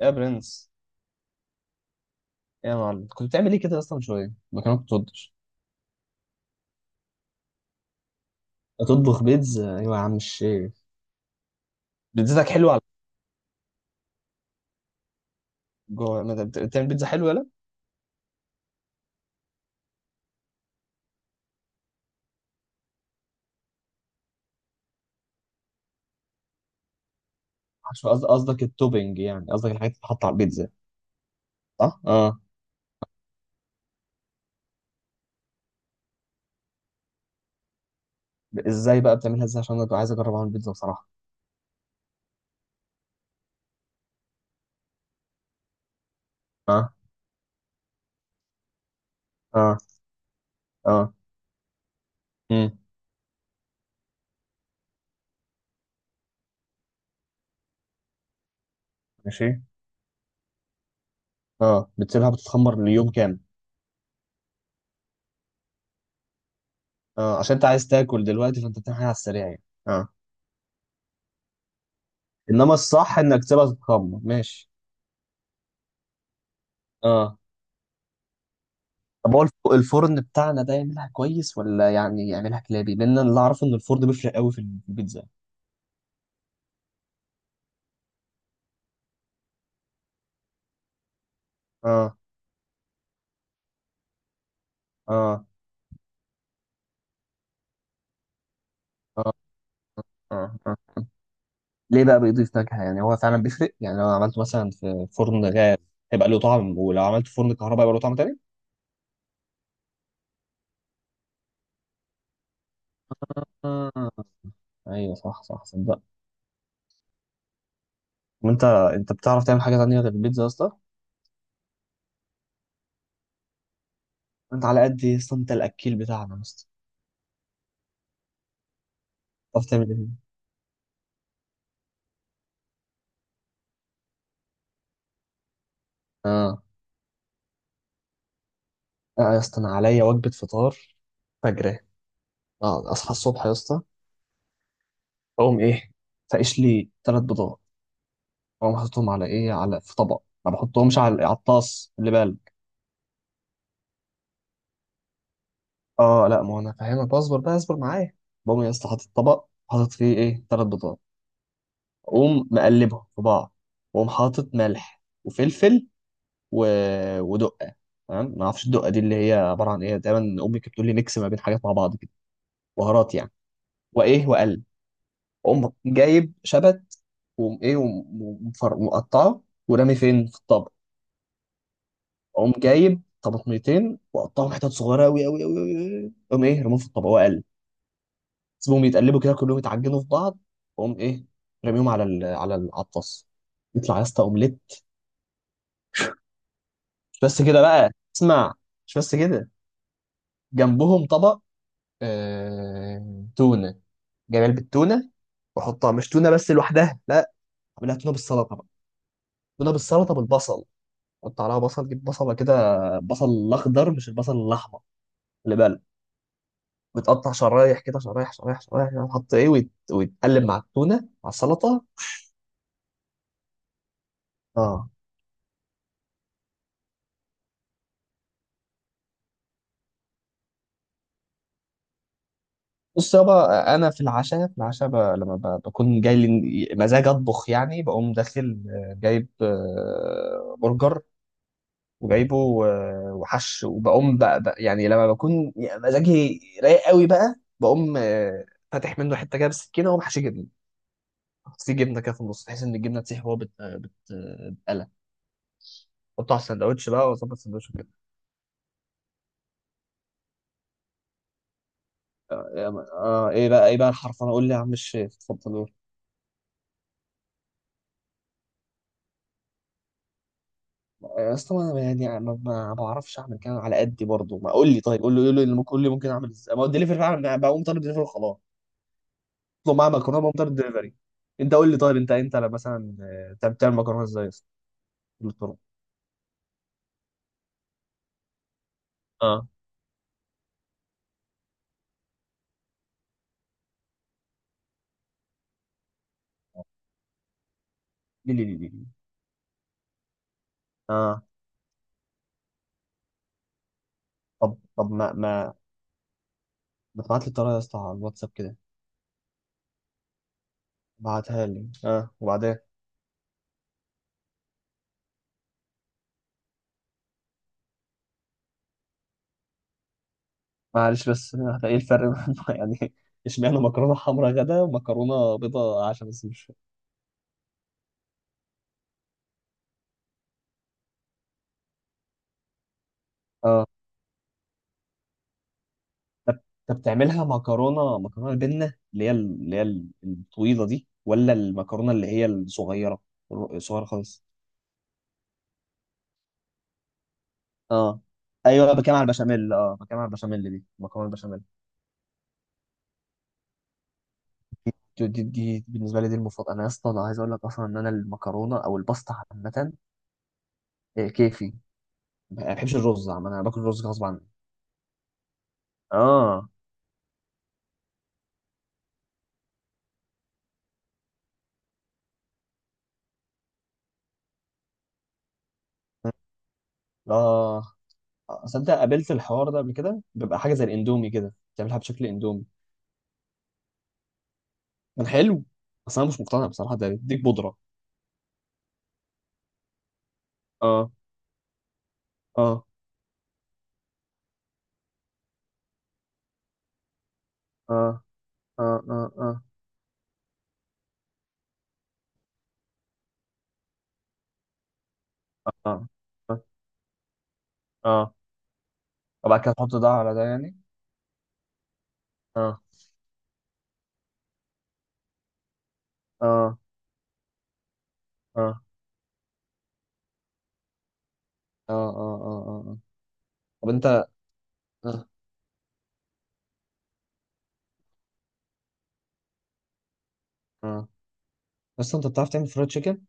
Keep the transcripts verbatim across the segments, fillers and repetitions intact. يا برنس، يا معلم، كنت بتعمل ايه كده اصلا؟ من شويه ما كانت بتطبخ. تطبخ بيتزا؟ ايوه يا عم الشيخ. بيتزتك حلوه على جوه. ما أنت بت- بتعمل بيتزا حلوه. يلا. عشان قصد- قصدك التوبينج، يعني قصدك الحاجات اللي بتتحط على البيتزا، صح؟ اه. ب- ازاي بقى بتعملها؟ ازاي؟ عشان انا ببقى عايز اجرب اعمل بيتزا بصراحه. اه اه اه. امم ماشي. اه، بتسيبها بتتخمر ليوم كامل؟ اه، عشان انت عايز تاكل دلوقتي فانت بتعمل حاجه على السريع يعني. اه. انما الصح انك تسيبها تتخمر. ماشي. اه. طب هو الف- الفرن بتاعنا ده يعملها كويس ولا يعني يعملها كلابي؟ لان انا اللي اعرفه ان الفرن بيفرق قوي في البيتزا. اه اه اه اه اه. ليه بقى بيضيف نكهة؟ يعني هو فعلا بيفرق؟ يعني لو عملته مثلا في فرن غاز هيبقى له طعم، ولو عملته في فرن كهرباء هيبقى له طعم تاني. آه. ايوه، صح صح، صدق. وانت انت بتعرف تعمل حاجة تانية غير البيتزا يا اسطى؟ انت على قد يا اسطى، انت الاكيل بتاعنا يا اسطى. بتعرف تعمل ايه؟ اه. آه يا اسطى، انا عليا وجبة فطار فجرة. اه، اصحى الصبح يا اسطى، اقوم ايه؟ فاقش لي ثلاث بيضات، اقوم حاططهم على ايه؟ على، في طبق، ما بحطهمش على على الطاس اللي بالك. اه لا، ما هو انا فاهمك، اصبر بقى، اصبر معايا. بقوم يا اسطى حاطط طبق، حاطط فيه ايه، ثلاث بيضات. اقوم مقلبهم في بعض، واقوم حاطط ملح وفلفل و... ودقه. تمام، ما اعرفش الدقه دي اللي هي عباره عن ايه دايما. امي كانت بتقول لي ميكس ما بين حاجات مع بعض كده. بهارات يعني. وايه، واقلب. اقوم جايب شبت، واقوم ايه وم- ومفر- ومقطعه ورامي فين في الطبق. اقوم جايب طماطميتين واقطعهم حتت صغيره قوي قوي قوي، اقوم ايه، رميهم في الطبق، اقلب. سيبهم يتقلبوا كده كلهم يتعجنوا في بعض. اقوم ايه، رميهم على ال... على ال- على الطاس. يطلع يا اسطى اومليت. مش بس كده بقى، اسمع، مش بس كده. جنبهم طبق، آه... تونه، جايب علبه تونه واحطها، مش تونه بس لوحدها لا، اعملها تونه بالسلطه بقى. تونه بالسلطه بالبصل، حط عليها بصل، جيب بصله كده، بصل الاخضر مش البصل الاحمر، خلي بالك. بتقطع شرايح كده، شرايح شرايح شرايح، وتحط ايه ويت... ويتقلب مع التونه مع السلطه. اه. بص يابا، انا في العشاء، في العشاء ب... لما ب... بكون جاي لي مزاج اطبخ يعني، بقوم داخل آه، جايب آه، برجر وجايبه و- وحش، وبقوم بقى بقى يعني لما بكون مزاجي رايق قوي بقى، بقوم آه، فاتح منه حته كده بالسكينه، واقوم حاشي جبنه، حط فيه جبنه كده في النص بحيث ان الجبنه تسيح وهو بت... بت... بتقلى. حطه على السندوتش بقى، واظبط السندوتش كده. آه ايه بقى، ايه بقى الحرف؟ انا اقول لي يا عم الشيخ، اتفضل قول. يا اسطى، انا يعني ما, ما بعرفش اعمل كده، على قدي برضه. ما اقول لي طيب، قول له قول له اللي ممكن، قول لي ممكن اعمل ازاي؟ ما هو الدليفري فعلا، بقوم طالب دليفري وخلاص. اطلب معاه مكرونه، بقوم طالب دليفري. انت قول لي طيب، انت انت لا، مثلا آه، بتعمل بتعمل مكرونه ازاي يا اسطى؟ قول لي الطرق. اه. لي لي لي لي لي. اه. طب طب ما ما ما تبعت لي الطريقه يا اسطى على الواتساب كده. ابعتها لي، اه وبعدين. معلش بس، آه، ايه الفرق يعني؟ اشمعنى مكرونه حمراء غدا ومكرونه بيضاء عشان بس مش. اه. طب تعملها مكرونه، مكرونه البنه اللي هي اللي هي الطويله دي، ولا المكرونه اللي هي الصغيره، الر- صغيره خالص؟ اه. ايوه. بكام على البشاميل؟ اه، بكام على البشاميل دي، مكرونه البشاميل. دي, دي, دي بالنسبه لي دي المفضله. انا يا اسطى، انا عايز اقول لك اصلا ان انا المكرونه او الباستا عامه، إيه، كيفي. ما بحبش الرز عامه، انا باكل الرز غصب عني. اه اه. صدق، قابلت الحوار ده قبل كده، بيبقى حاجه زي الاندومي كده، بتعملها بشكل اندومي. كان حلو بس انا مش مقتنع بصراحه، ده بيديك بودره. اه اه اه اه اه اه اه اه اه. وبعد كده تحط ده على ده يعني. اه اه اه اه اه اه اه اه. طب انت، اه اه، بس انت بتعرف تعمل فرايد تشيكن؟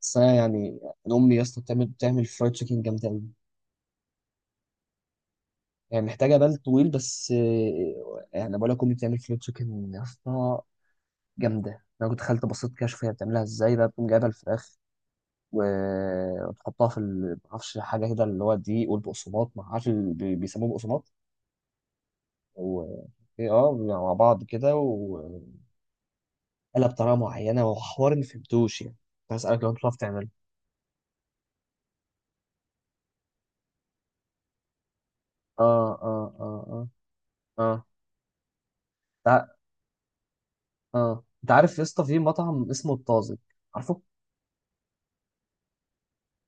بس انا يعني. أنا امي يا اسطى بتعمل، بتعمل فرايد تشيكن جامده قوي. يعني محتاجه بال طويل بس، آه، يعني بقول لك امي بتعمل فرايد تشيكن يا اسطى جامده. انا كنت دخلت بصيت كده اشوف هي بتعملها ازاي بقى، بتقوم جايبه الفراخ و- وتحطها في ال- معرفش حاجه كده اللي هو الدقيق والبقسماط، ما عارف اللي بي- بيسموه بقسماط، و إيه، اه، مع بعض كده وقلب بطريقه معينه وحوار ما فهمتوش يعني. كنت هسألك لو انت بتعرف تعمله. اه اه اه اه اه. تع... اه، انت عارف يا اسطى في مطعم اسمه الطازج؟ عارفه في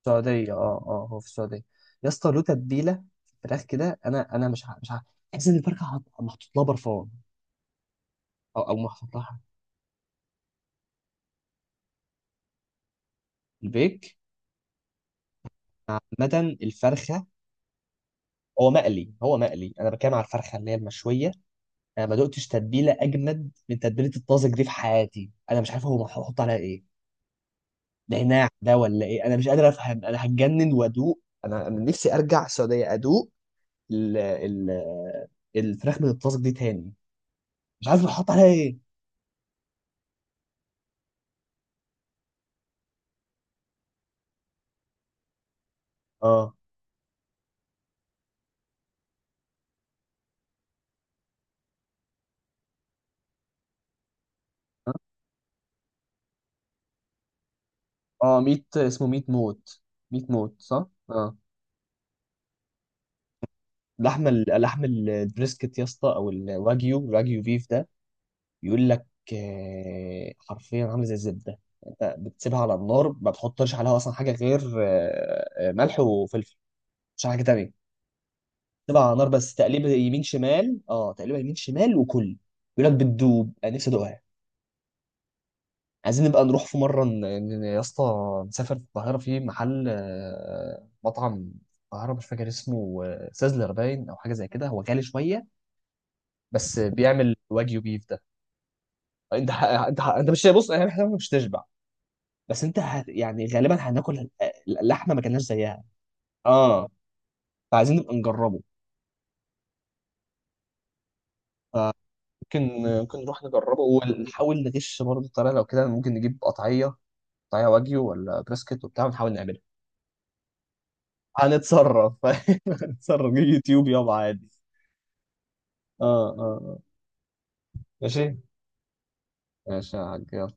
السعوديه. اه اه، هو في السعوديه. يا اسطى له تتبيله، فراخ كده، انا انا مش ع- مش عارف، تحس ان الفرخه حط- محطوط لها برفان، او او محطوط لها حاجة. البيك. عامه الفرخه، هو مقلي هو مقلي، انا بتكلم على الفرخه اللي هي المشويه. انا ما دقتش تتبيله اجمد من تتبيله الطازج دي في حياتي. انا مش عارف هو هحط عليها ايه، نعناع ده ولا ايه؟ انا مش قادر افهم، انا هتجنن وادوق. انا أنا نفسي ارجع السعوديه ادوق ال ال الفراخ من الطازج دي تاني. مش عارف هحط عليها ايه. اه اه. ميت، اسمه ميت موت. ميت موت، صح. اه. اللحمه اللحم البريسكت يا اسطى، او الواجيو، الواجيو بيف ده، بيقول لك، آه، حرفيا عامله زي الزبده. انت بتسيبها على النار، ما بتحطش عليها اصلا حاجه غير آه، آه، ملح وفلفل، مش حاجه تانية. تسيبها على النار بس، تقليبها يمين شمال، اه تقليبها يمين شمال وكل. بيقول لك بتدوب، انا نفسي ادوقها. عايزين نبقى نروح في مره ن- ن- يا اسطى، نسافر في القاهره في محل، آه، مطعم في القاهره، مش فاكر اسمه، آه، سازلر باين، او حاجه زي كده. هو غالي شويه بس بيعمل واجيو بيف ده. انت ح- انت ح- انت مش، بص يعني، احنا مش تشبع. بس انت هت، يعني غالبا هناكل اللحمه، ما كلناش زيها. اه. فعايزين نبقى نجربه. فممكن، ممكن نروح نجربه ونحاول نغش برضه الطريقه، لو كده ممكن نجيب قطعيه قطعيه واجيو ولا بريسكت وبتاع، ونحاول نعملها. هنتصرف، هنتصرف يوتيوب يابا عادي. اه اه آه. ماشي، ماشي يا حاج، يلا.